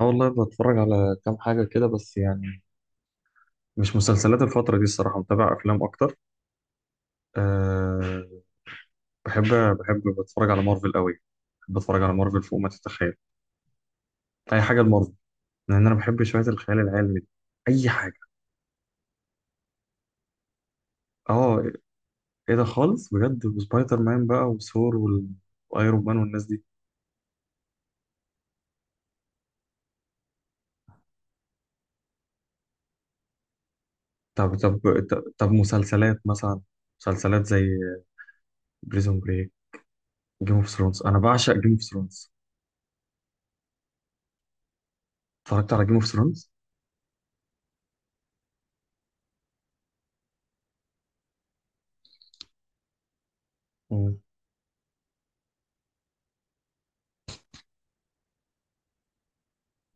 اه والله بتفرج على كام حاجة كده بس يعني مش مسلسلات الفترة دي الصراحة متابع أفلام أكتر. أه بحب بحب بتفرج على مارفل قوي. بحب أتفرج على مارفل فوق ما تتخيل. أي حاجة لمارفل، لأن أنا بحب شوية الخيال العلمي دي. أي حاجة. أه إيه ده خالص بجد، وسبايدر مان بقى وثور وأيرون مان والناس دي. طب طب، طب مسلسلات مثلا، مسلسلات زي بريزون بريك وجيم اوف ثرونز. أنا بعشق جيم اوف ثرونز. اتفرجت على جيم اوف ثرونز؟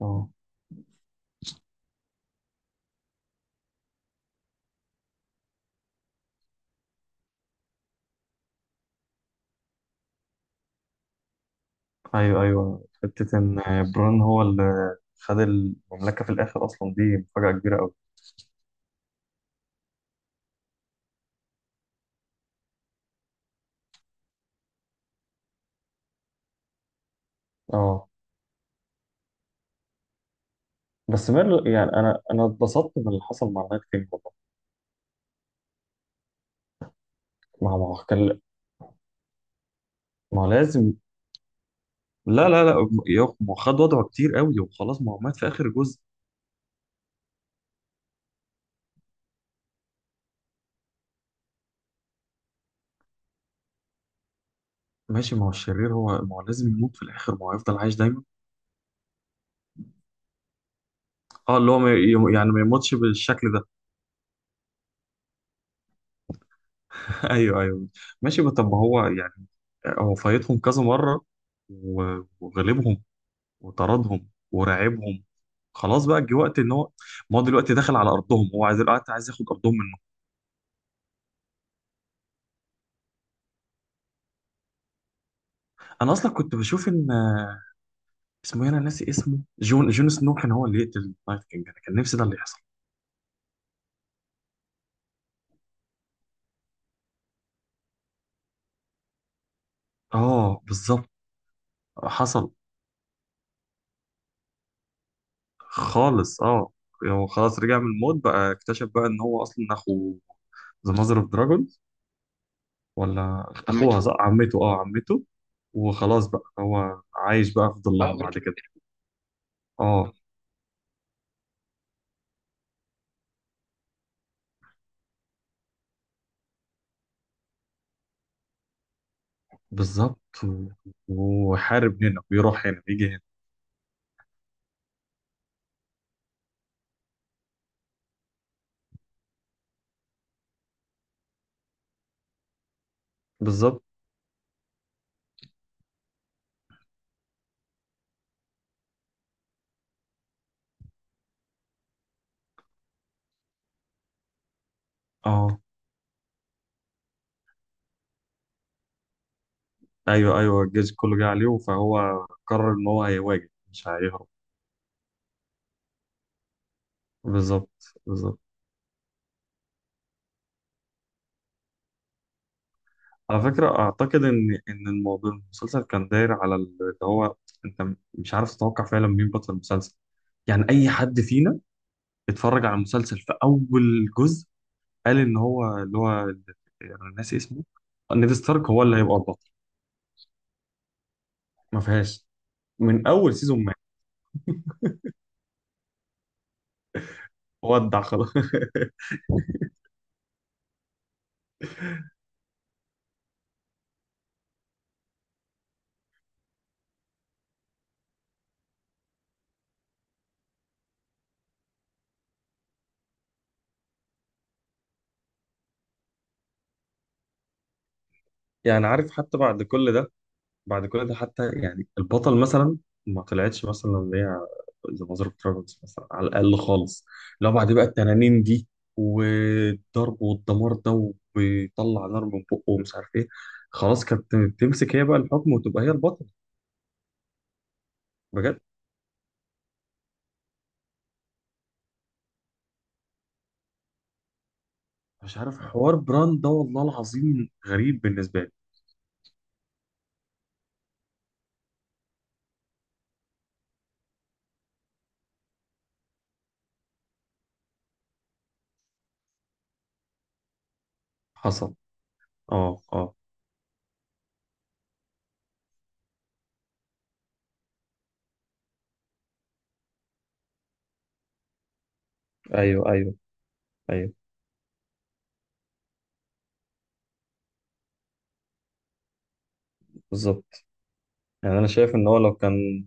اه، ايوه ايوه، حته ان بران هو اللي خد المملكه في الاخر اصلا، دي مفاجاه كبيره قوي. اه بس ميرلو يعني انا اتبسطت من اللي حصل مع نايت كينج والله. ما هو ما هو كان- ما هو لازم. لا لا لا، ما هو خد وضعه كتير قوي وخلاص، ما هو مات في اخر جزء. ماشي، ما هو الشرير هو، ما هو لازم يموت في الاخر، ما هو يفضل عايش دايما. اه اللي هو ما ي- يعني ما يموتش بالشكل ده. ايوه ايوه. ماشي بس طب ما هو يعني هو فايتهم كذا مره وغلبهم وطردهم ورعبهم، خلاص بقى جه وقت ان هو، ما هو دلوقتي داخل على ارضهم، هو عايز الوقت، عايز ياخد ارضهم منه. انا اصلا كنت بشوف ان اسمه إيه؟ انا ناسي اسمه، جون سنو كان هو اللي يقتل نايت كينج، انا كان نفسي ده اللي يحصل. اه بالظبط. حصل. خالص اه. يعني هو خلاص رجع من الموت، بقى اكتشف بقى ان هو اصلا اخو ذا ماذر اوف دراجون، ولا اخوها؟ عمته، صح، عمته، اه عمته. وخلاص بقى هو عايش بقى في ظلها اه بعد كده. اه بالظبط. وحارب هنا، بيروح هنا، بيجي هنا. بالظبط. اه ايوه ايوه، الجيش كله جه عليه فهو قرر ان هو هيواجه مش هيهرب. بالظبط بالظبط. على فكره اعتقد ان ان الموضوع المسلسل كان داير على اللي هو، انت مش عارف تتوقع فعلا مين بطل المسلسل. يعني اي حد فينا اتفرج على المسلسل في اول جزء قال ان هو اللي هو انا ناسي اسمه، نيد ستارك، هو اللي هيبقى البطل. ما فيهاش من اول سيزون، ما ودع خلاص. يعني عارف، حتى بعد كل ده، بعد كل ده حتى يعني البطل مثلا ما طلعتش مثلا اللي هي ذا ماذر اوف ترايبلز مثلا على الاقل خالص. لو بعد بقى التنانين دي والضرب والدمار ده، وبيطلع نار من بقه ومش عارف ايه، خلاص كانت تمسك هي بقى الحكم وتبقى هي البطل بجد. مش عارف حوار براند ده والله العظيم غريب بالنسبه لي. حصل. اه اه. ايوه ايوه ايوه. بالظبط. يعني انا شايف ان هو لو كان،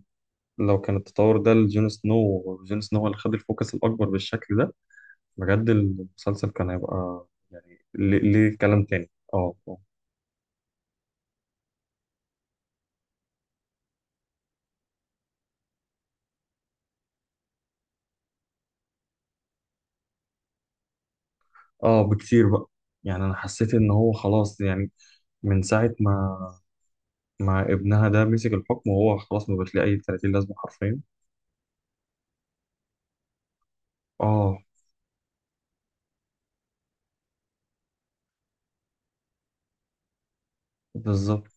لو كان التطور ده لجون سنو، وجون سنو هو اللي خد الفوكس الاكبر بالشكل ده، بجد المسلسل كان هيبقى يعني ليه كلام تاني. اه اه. بكتير بقى. يعني انا حسيت ان هو خلاص يعني، من ساعة ما ما ابنها ده مسك الحكم، وهو خلاص ما بقاش ليه اي 30 لازمة حرفيا. اه بالظبط.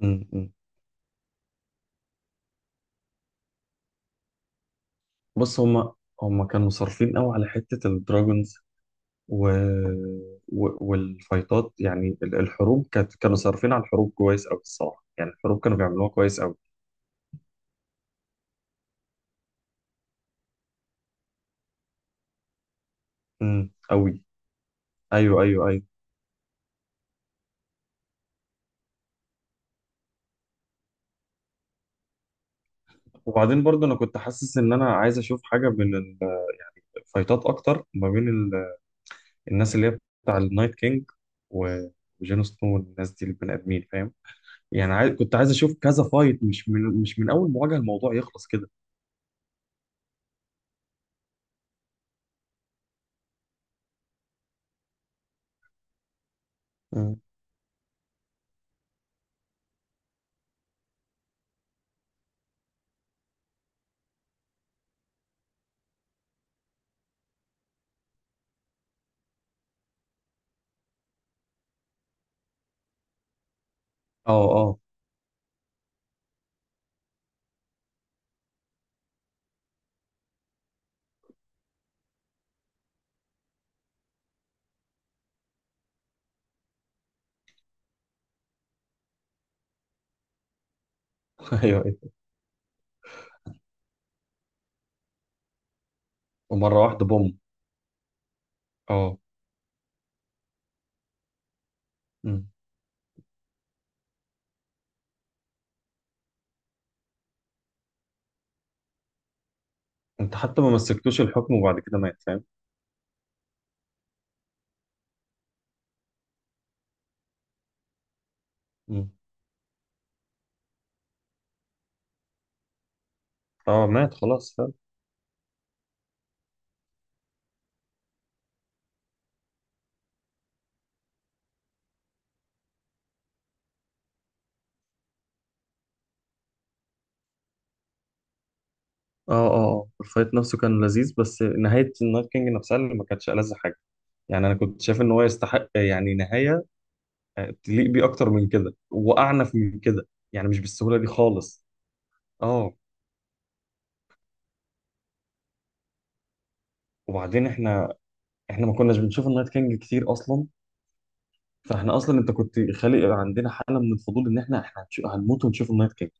م- م. بص هما كانوا صارفين قوي على حتة الدراجونز. و... والفايتات يعني الحروب كانت، كانوا صارفين على الحروب كويس قوي، الصراحة يعني الحروب كانوا بيعملوها كويس قوي. قوي. ايوه ايوه ايوه. وبعدين برضه انا كنت حاسس ان انا عايز اشوف حاجه بين الفايتات اكتر، ما بين الناس اللي هي بتاع النايت كينج و- وجون سنو والناس دي، البني ادمين فاهم. يعني عايز، كنت عايز اشوف كذا فايت، مش من، مش من اول مواجهه الموضوع يخلص كده. مم. اه اه. ايوه ايوه. ومره واحده بوم. اه. مم. انت حتى ما مسكتوش الحكم وبعد كده مات فاهم. مم. اه مات خلاص فاهم. اه اه اه الفايت نفسه كان لذيذ، بس نهايه النايت كينج نفسها اللي ما كانتش ألذ حاجه. يعني انا كنت شايف ان هو يستحق يعني نهايه تليق بيه اكتر من كده، واعنف من كده، يعني مش بالسهوله دي خالص. اه وبعدين احنا ما كناش بنشوف النايت كينج كتير اصلا، فاحنا اصلا انت كنت خالق عندنا حاله من الفضول ان احنا هنموت ونشوف النايت كينج.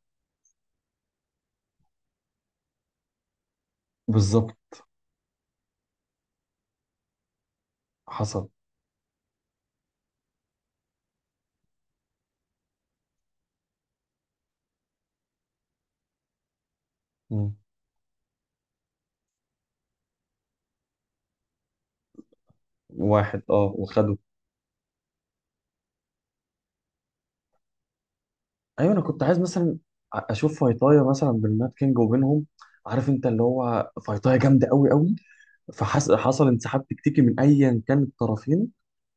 بالظبط. حصل. مم. واحد اه وخده. ايوه انا كنت عايز مثلا اشوف فايتايا مثلا بالنايت كينج وبينهم، عارف انت، اللي هو فايتايا جامده قوي قوي، فحصل انسحاب تكتيكي من ايا كان الطرفين،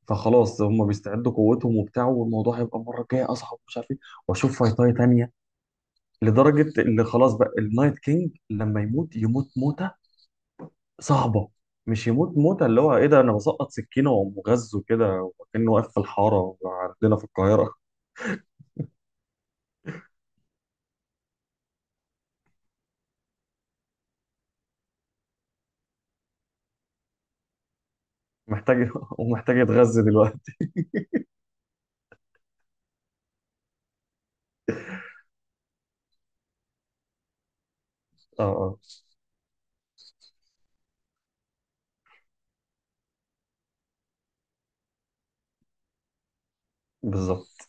فخلاص هم بيستعدوا قوتهم وبتاع، والموضوع هيبقى المره الجايه اصعب ومش عارف ايه، واشوف فايتاي تانيه، لدرجه اللي خلاص بقى النايت كينج لما يموت يموت موته صعبه. مش يموت موته اللي هو ايه ده، انا بسقط سكينه ومغزه كده، وكانه واقف في الحاره عندنا في القاهره محتاج. ومحتاج يتغذى دلوقتي. اه اه بالظبط.